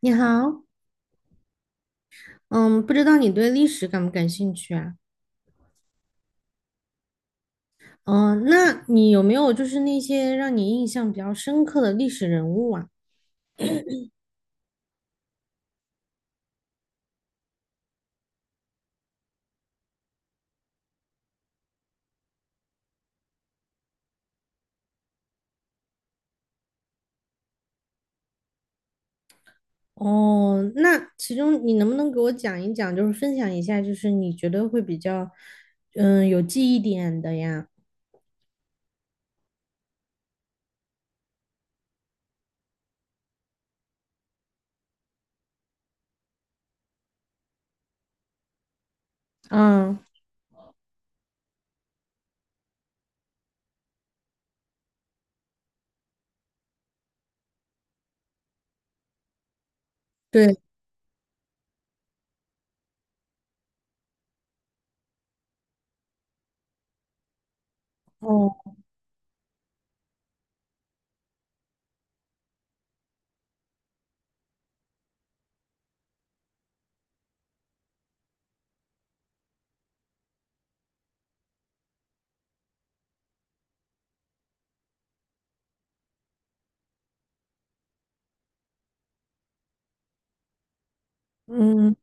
你好，嗯，不知道你对历史感不感兴趣啊？嗯，那你有没有就是那些让你印象比较深刻的历史人物啊？哦，那其中你能不能给我讲一讲，就是分享一下，就是你觉得会比较，嗯，有记忆点的呀？嗯，对，哦，嗯。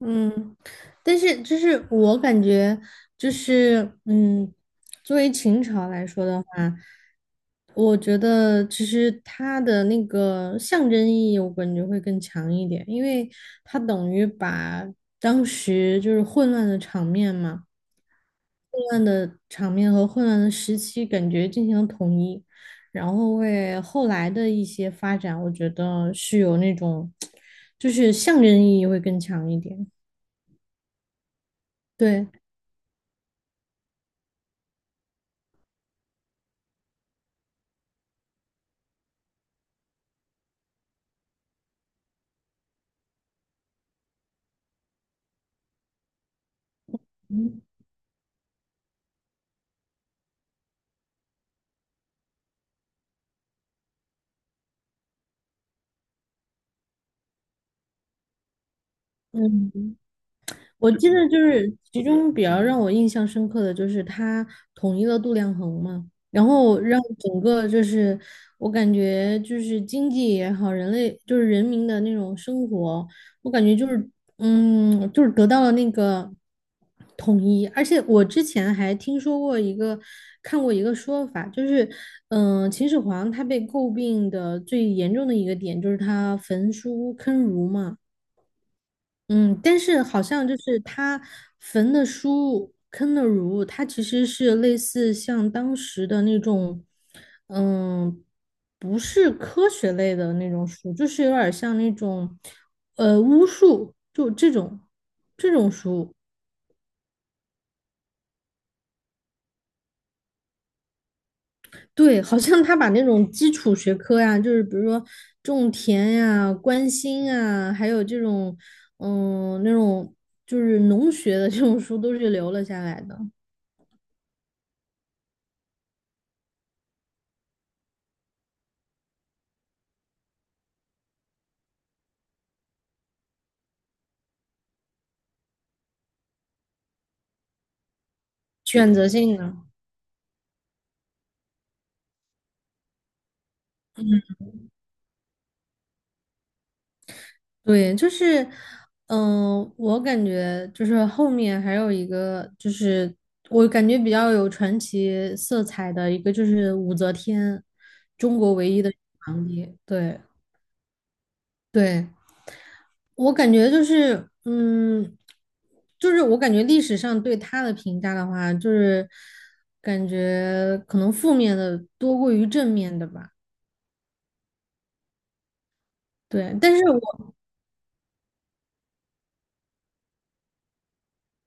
嗯，但是就是我感觉就是嗯，作为秦朝来说的话，我觉得其实它的那个象征意义，我感觉会更强一点，因为它等于把当时就是混乱的场面嘛，混乱的场面和混乱的时期感觉进行了统一，然后为后来的一些发展，我觉得是有那种 就是象征意义会更强一点。对，嗯嗯，我记得就是其中比较让我印象深刻的就是他统一了度量衡嘛，然后让整个就是我感觉就是经济也好，人类就是人民的那种生活，我感觉就是得到了那个统一，而且我之前还听说过一个看过一个说法，就是秦始皇他被诟病的最严重的一个点就是他焚书坑儒嘛。嗯，但是好像就是他焚的书《坑的儒》，它其实是类似像当时的那种，嗯，不是科学类的那种书，就是有点像那种，巫术，就这种书。对，好像他把那种基础学科呀，就是比如说种田呀、关心啊，还有这种，嗯，那种就是农学的这种书，都是留了下来的，选择性的。对，就是，我感觉就是后面还有一个，就是我感觉比较有传奇色彩的一个，就是武则天皇帝。对对，我感觉就是，嗯，就是我感觉历史上对她的评价的话，就是感觉可能负面的多过于正面的吧。对，但是我。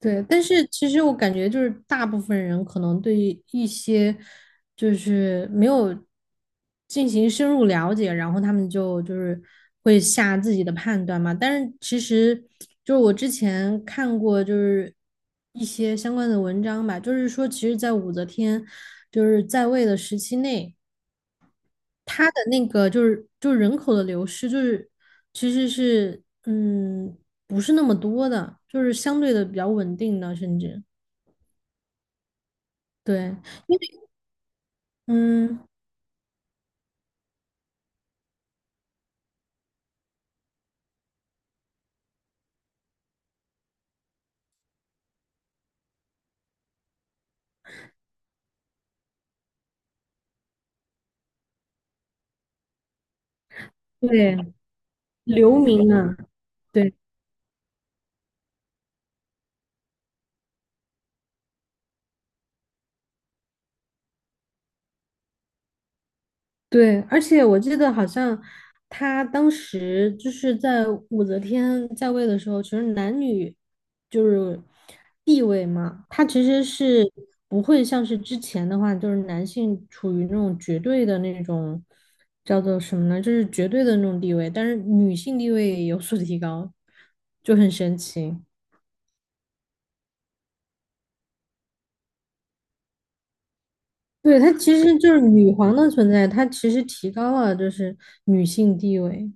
对，但是其实我感觉就是大部分人可能对于一些就是没有进行深入了解，然后他们就是会下自己的判断嘛。但是其实就是我之前看过就是一些相关的文章吧，就是说其实，在武则天就是在位的时期内，她的那个就是人口的流失，其实是不是那么多的，就是相对的比较稳定的，甚至。对，因为嗯，对，流民啊，对对，而且我记得好像他当时就是在武则天在位的时候，其实男女就是地位嘛，他其实是不会像是之前的话，就是男性处于那种绝对的那种叫做什么呢，就是绝对的那种地位，但是女性地位有所提高，就很神奇。对，她其实就是女皇的存在，她其实提高了就是女性地位。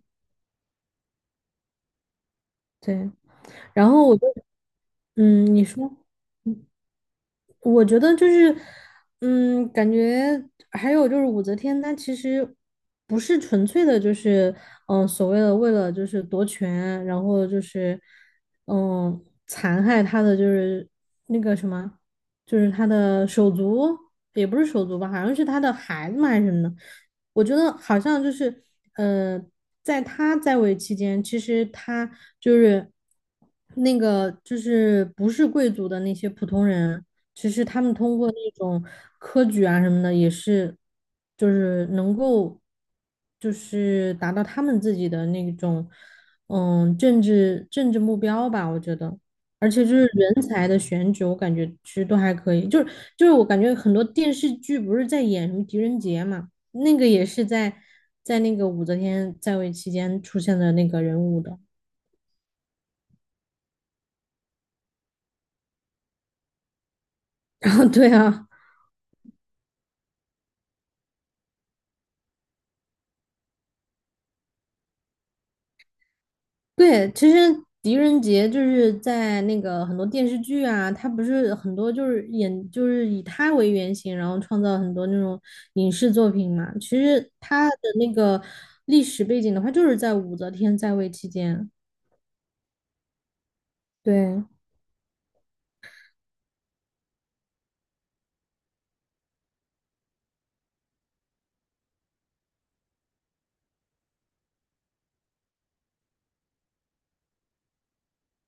对，然后我就，嗯，你说。我觉得就是，嗯，感觉还有就是武则天，她其实不是纯粹的，就是所谓的为了就是夺权，然后就是嗯、残害她的就是那个什么，就是她的手足，也不是手足吧，好像是她的孩子嘛还是什么的。我觉得好像就是呃，在她在位期间，其实她就是那个就是不是贵族的那些普通人。其实他们通过那种科举啊什么的，也是就是能够就是达到他们自己的那种政治目标吧，我觉得。而且就是人才的选举，我感觉其实都还可以。就是我感觉很多电视剧不是在演什么狄仁杰嘛，那个也是在那个武则天在位期间出现的那个人物的。然后对啊。对，其实狄仁杰就是在那个很多电视剧啊，他不是很多就是演就是以他为原型，然后创造很多那种影视作品嘛。其实他的那个历史背景的话，就是在武则天在位期间。对，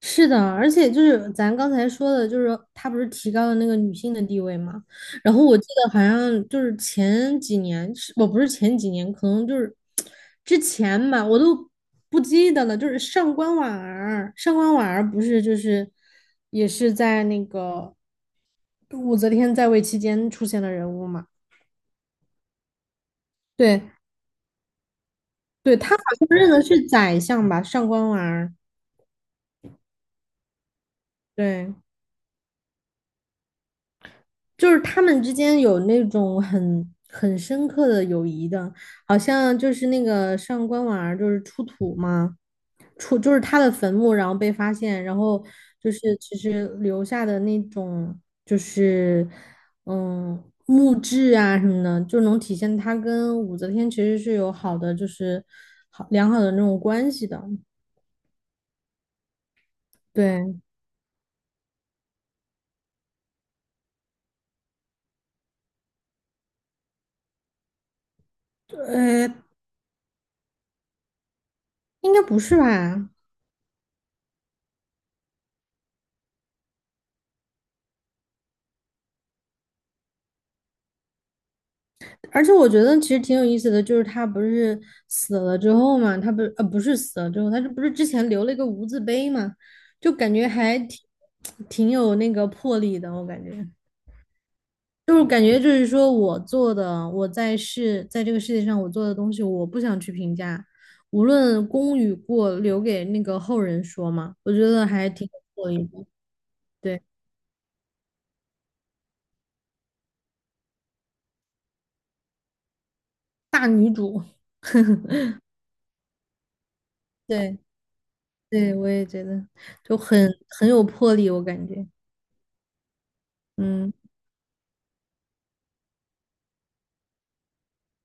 是的，而且就是咱刚才说的，就是他不是提高了那个女性的地位嘛？然后我记得好像就是前几年，是我不是前几年，可能就是之前吧，我都不记得了。就是上官婉儿，上官婉儿不是就是也是在那个武则天在位期间出现的人物嘛？对，对，她好像认的是宰相吧，上官婉儿。对。就是他们之间有那种很深刻的友谊的，好像就是那个上官婉儿就是出土嘛，出就是他的坟墓，然后被发现，然后就是其实留下的那种就是墓志啊什么的，就能体现他跟武则天其实是有好的就是好良好的那种关系的。对，呃，应该不是吧？而且我觉得其实挺有意思的，就是他不是死了之后嘛，他不是死了之后，他这不是之前留了一个无字碑嘛，就感觉还挺有那个魄力的，我感觉就是感觉就是说我做的，我在世在这个世界上我做的东西，我不想去评价，无论功与过，留给那个后人说嘛，我觉得还挺有魄力的，对，大女主，对对，我也觉得就很有魄力，我感觉，嗯。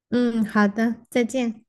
嗯，好的，再见。